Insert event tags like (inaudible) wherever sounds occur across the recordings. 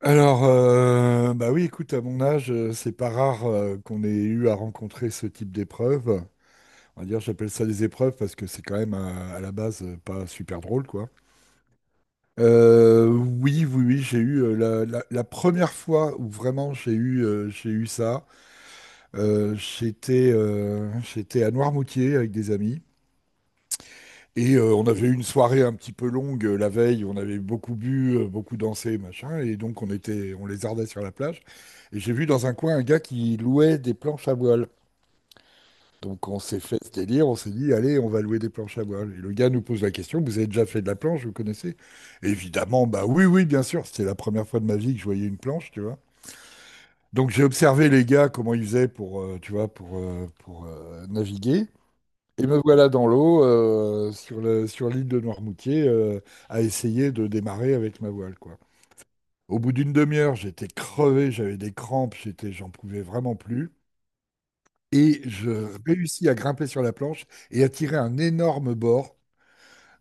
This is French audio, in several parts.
Alors, bah oui, écoute, à mon âge, c'est pas rare qu'on ait eu à rencontrer ce type d'épreuve. On va dire, j'appelle ça des épreuves parce que c'est quand même la base pas super drôle, quoi. Oui, oui, oui, j'ai eu la première fois où vraiment j'ai eu ça. J'étais à Noirmoutier avec des amis. Et on avait eu une soirée un petit peu longue la veille, on avait beaucoup bu, beaucoup dansé, machin, et donc on lézardait sur la plage. Et j'ai vu dans un coin un gars qui louait des planches à voile. Donc on s'est fait ce délire, on s'est dit, allez, on va louer des planches à voile. Et le gars nous pose la question, vous avez déjà fait de la planche, vous connaissez? Évidemment, bah oui, oui, bien sûr, c'était la première fois de ma vie que je voyais une planche, tu vois. Donc j'ai observé les gars, comment ils faisaient pour, tu vois, pour naviguer. Et me voilà dans l'eau, sur l'île de Noirmoutier, à essayer de démarrer avec ma voile, quoi. Au bout d'une demi-heure, j'étais crevé, j'avais des crampes, j'en pouvais vraiment plus. Et je réussis à grimper sur la planche et à tirer un énorme bord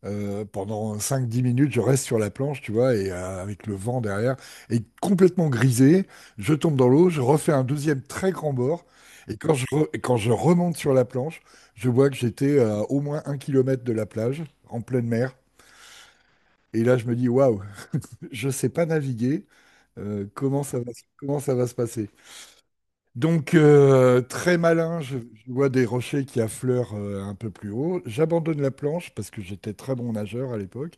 pendant cinq dix minutes, je reste sur la planche, tu vois, et avec le vent derrière, et complètement grisé, je tombe dans l'eau, je refais un deuxième très grand bord, et quand je remonte sur la planche, je vois que j'étais à au moins 1 kilomètre de la plage, en pleine mer, et là je me dis, waouh, (laughs) je sais pas naviguer, comment ça va se passer? Donc, très malin, je vois des rochers qui affleurent un peu plus haut, j'abandonne la planche parce que j'étais très bon nageur à l'époque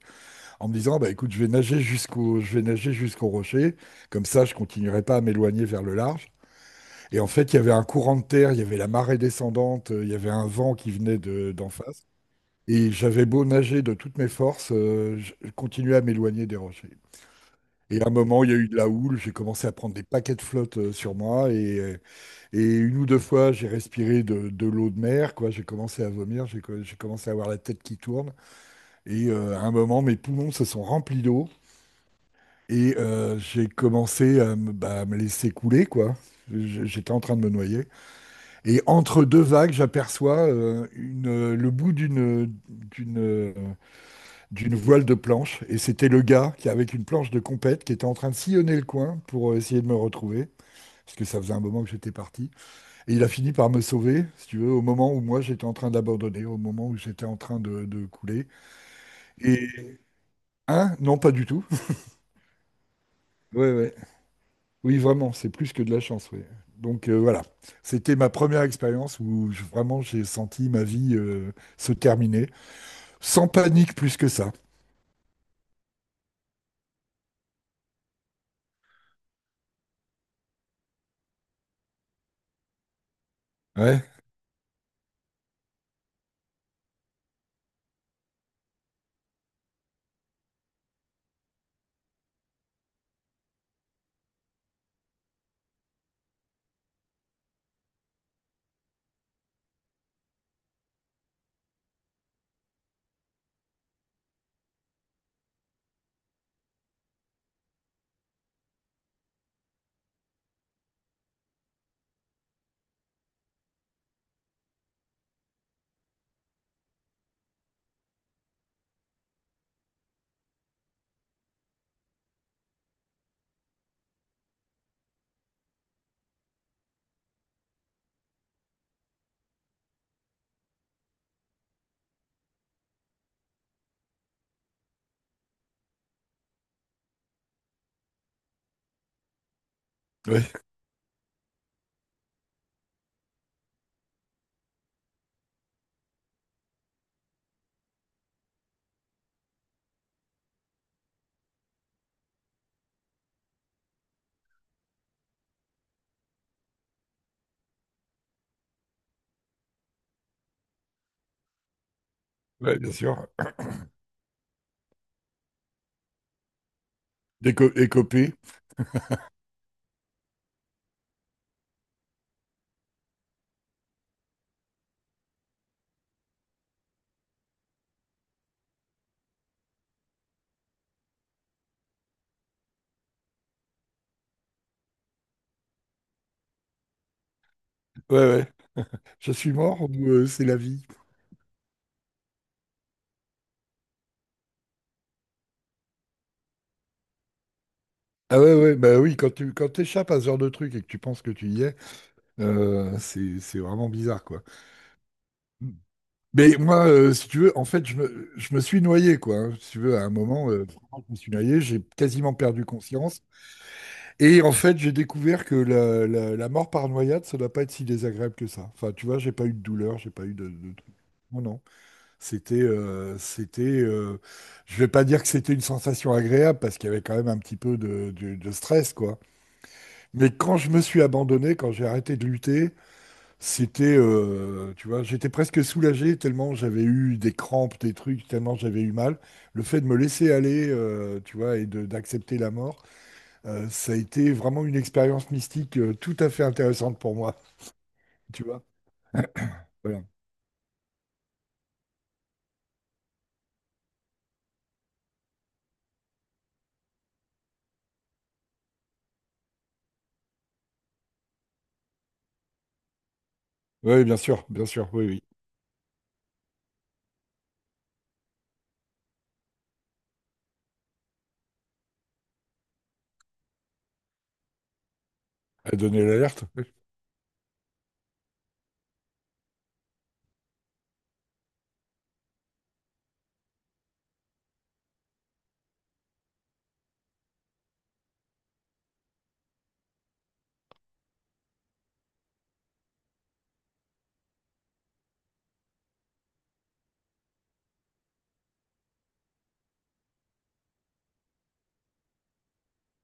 en me disant, bah, écoute, je vais nager jusqu'au rocher, comme ça je continuerai pas à m'éloigner vers le large. Et en fait, il y avait un courant de terre, il y avait la marée descendante, il y avait un vent qui venait d'en face. Et j'avais beau nager de toutes mes forces, je continuais à m'éloigner des rochers. Et à un moment, il y a eu de la houle, j'ai commencé à prendre des paquets de flotte sur moi, et une ou deux fois, j'ai respiré de l'eau de mer, quoi. J'ai commencé à vomir, j'ai commencé à avoir la tête qui tourne, et à un moment, mes poumons se sont remplis d'eau. Et j'ai commencé à me laisser couler, quoi. J'étais en train de me noyer. Et entre deux vagues, j'aperçois le bout d'une voile de planche. Et c'était le gars qui, avec une planche de compète, qui était en train de sillonner le coin pour essayer de me retrouver. Parce que ça faisait un moment que j'étais parti. Et il a fini par me sauver, si tu veux, au moment où moi j'étais en train d'abandonner, au moment où j'étais en train de couler. Et, hein? Non, pas du tout. (laughs) Ouais, ouais. Oui, vraiment, c'est plus que de la chance, oui. Donc voilà, c'était ma première expérience où vraiment j'ai senti ma vie se terminer, sans panique plus que ça. Ouais, ouais, ouais, bien sûr. Déco écopé. Ouais, ouais. Je suis mort ou c'est la vie? Ah ouais, ouais, bah oui, quand t'échappes à ce genre de truc et que tu penses que tu y es, c'est vraiment bizarre, quoi. Mm. Mais moi, si tu veux, en fait, je me suis noyé, quoi, hein. Si tu veux, à un moment, vraiment, je me suis noyé, j'ai quasiment perdu conscience. Et en fait, j'ai découvert que la mort par noyade, ça doit pas être si désagréable que ça. Enfin, tu vois, j'ai pas eu de douleur, j'ai pas eu de truc. Non, non. C'était, c'était. Je vais pas dire que c'était une sensation agréable parce qu'il y avait quand même un petit peu de stress, quoi. Mais quand je me suis abandonné, quand j'ai arrêté de lutter, tu vois, j'étais presque soulagé tellement j'avais eu des crampes, des trucs, tellement j'avais eu mal. Le fait de me laisser aller, tu vois, et d'accepter la mort. Ça a été vraiment une expérience mystique tout à fait intéressante pour moi, (laughs) tu vois. Voilà. Oui, bien sûr, oui, oui. À donner l'alerte, oui.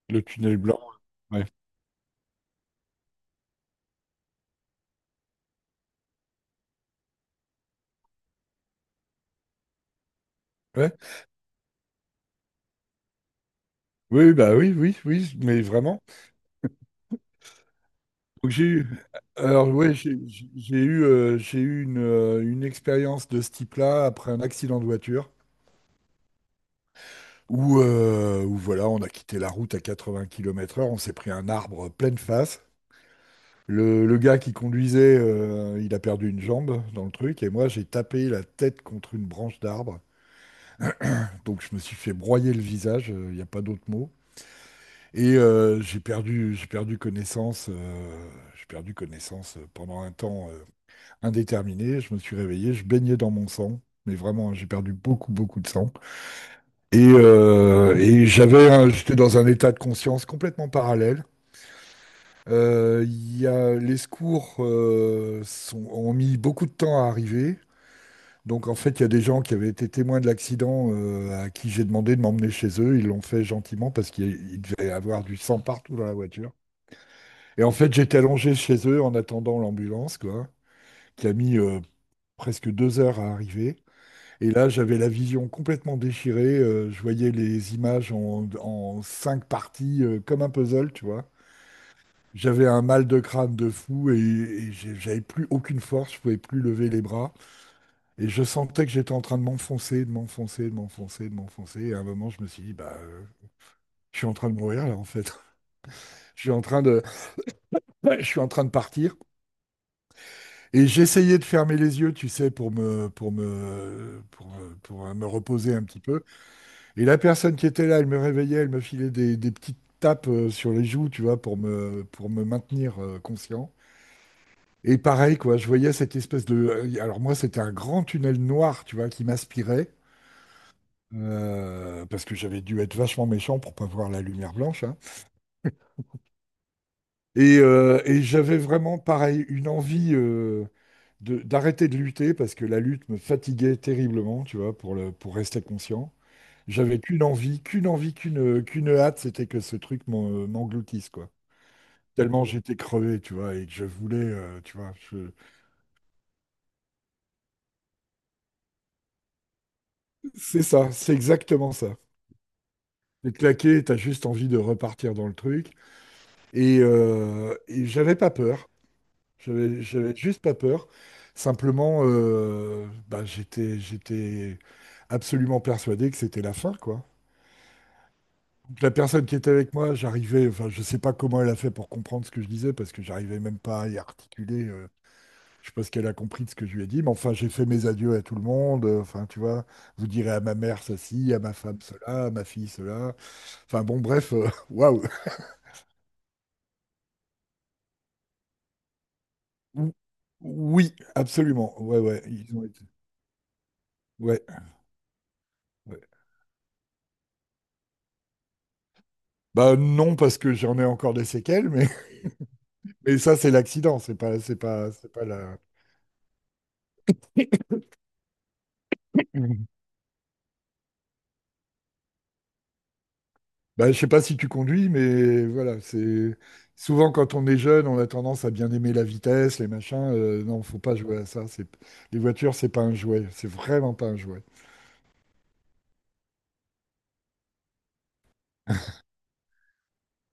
Le tunnel blanc. Ouais. Ouais. Oui, bah oui, oui, oui, mais vraiment. Donc, j'ai eu, alors ouais, j'ai eu une expérience de ce type-là après un accident de voiture où voilà, on a quitté la route à 80 km/h, on s'est pris un arbre pleine face. Le gars qui conduisait, il a perdu une jambe dans le truc, et moi j'ai tapé la tête contre une branche d'arbre. Donc je me suis fait broyer le visage, il n'y a pas d'autre mot. Et j'ai perdu connaissance, pendant un temps indéterminé. Je me suis réveillé, je baignais dans mon sang, mais vraiment hein, j'ai perdu beaucoup, beaucoup de sang. Et j'avais, j'étais dans un état de conscience complètement parallèle. Les secours ont mis beaucoup de temps à arriver. Donc en fait, il y a des gens qui avaient été témoins de l'accident à qui j'ai demandé de m'emmener chez eux. Ils l'ont fait gentiment parce qu'il il devait y avoir du sang partout dans la voiture. Et en fait, j'étais allongé chez eux en attendant l'ambulance, quoi, qui a mis presque 2 heures à arriver. Et là, j'avais la vision complètement déchirée. Je voyais les images en cinq parties comme un puzzle, tu vois. J'avais un mal de crâne de fou j'avais plus aucune force, je pouvais plus lever les bras. Et je sentais que j'étais en train de m'enfoncer, de m'enfoncer, de m'enfoncer, de m'enfoncer. Et à un moment, je me suis dit, bah, je suis en train de mourir là, en fait. (laughs) Je suis en train de, ouais, je suis en train de partir. Et j'essayais de fermer les yeux, tu sais, pour me, pour me, pour, me- pour me reposer un petit peu. Et la personne qui était là, elle me réveillait, elle me filait des petites tapes sur les joues, tu vois, pour me maintenir conscient. Et pareil, quoi, je voyais cette espèce de. Alors, moi, c'était un grand tunnel noir, tu vois, qui m'aspirait. Parce que j'avais dû être vachement méchant pour pas voir la lumière blanche, hein. Et j'avais vraiment, pareil, une envie d'arrêter de lutter parce que la lutte me fatiguait terriblement, tu vois, pour rester conscient. J'avais qu'une envie, qu'une envie, qu'une hâte, c'était que ce truc m'engloutisse, quoi. Tellement j'étais crevé, tu vois, et que je voulais, tu vois, c'est ça, c'est exactement ça. T'es claqué, t'as juste envie de repartir dans le truc. Et j'avais pas peur. J'avais juste pas peur. Simplement, bah, j'étais absolument persuadé que c'était la fin, quoi. Donc, la personne qui était avec moi, enfin, je sais pas comment elle a fait pour comprendre ce que je disais, parce que j'arrivais même pas à y articuler. Je sais pas ce qu'elle a compris de ce que je lui ai dit, mais enfin, j'ai fait mes adieux à tout le monde. Enfin, tu vois, vous direz à ma mère ceci, à ma femme cela, à ma fille cela. Enfin, bon, bref, (laughs) waouh. Ou- Oui, absolument. Ouais, ouais, Ouais, ouais. Bah non, parce que j'en ai encore des séquelles, mais, (laughs) mais ça, c'est l'accident, c'est pas, c'est pas, c'est pas la... (coughs) Mhm. Bah, je sais pas si tu conduis, mais voilà, c'est... Souvent, quand on est jeune, on a tendance à bien aimer la vitesse, les machins. Non, faut pas jouer à ça. C'est... Les voitures, c'est pas un jouet. C'est vraiment pas un jouet.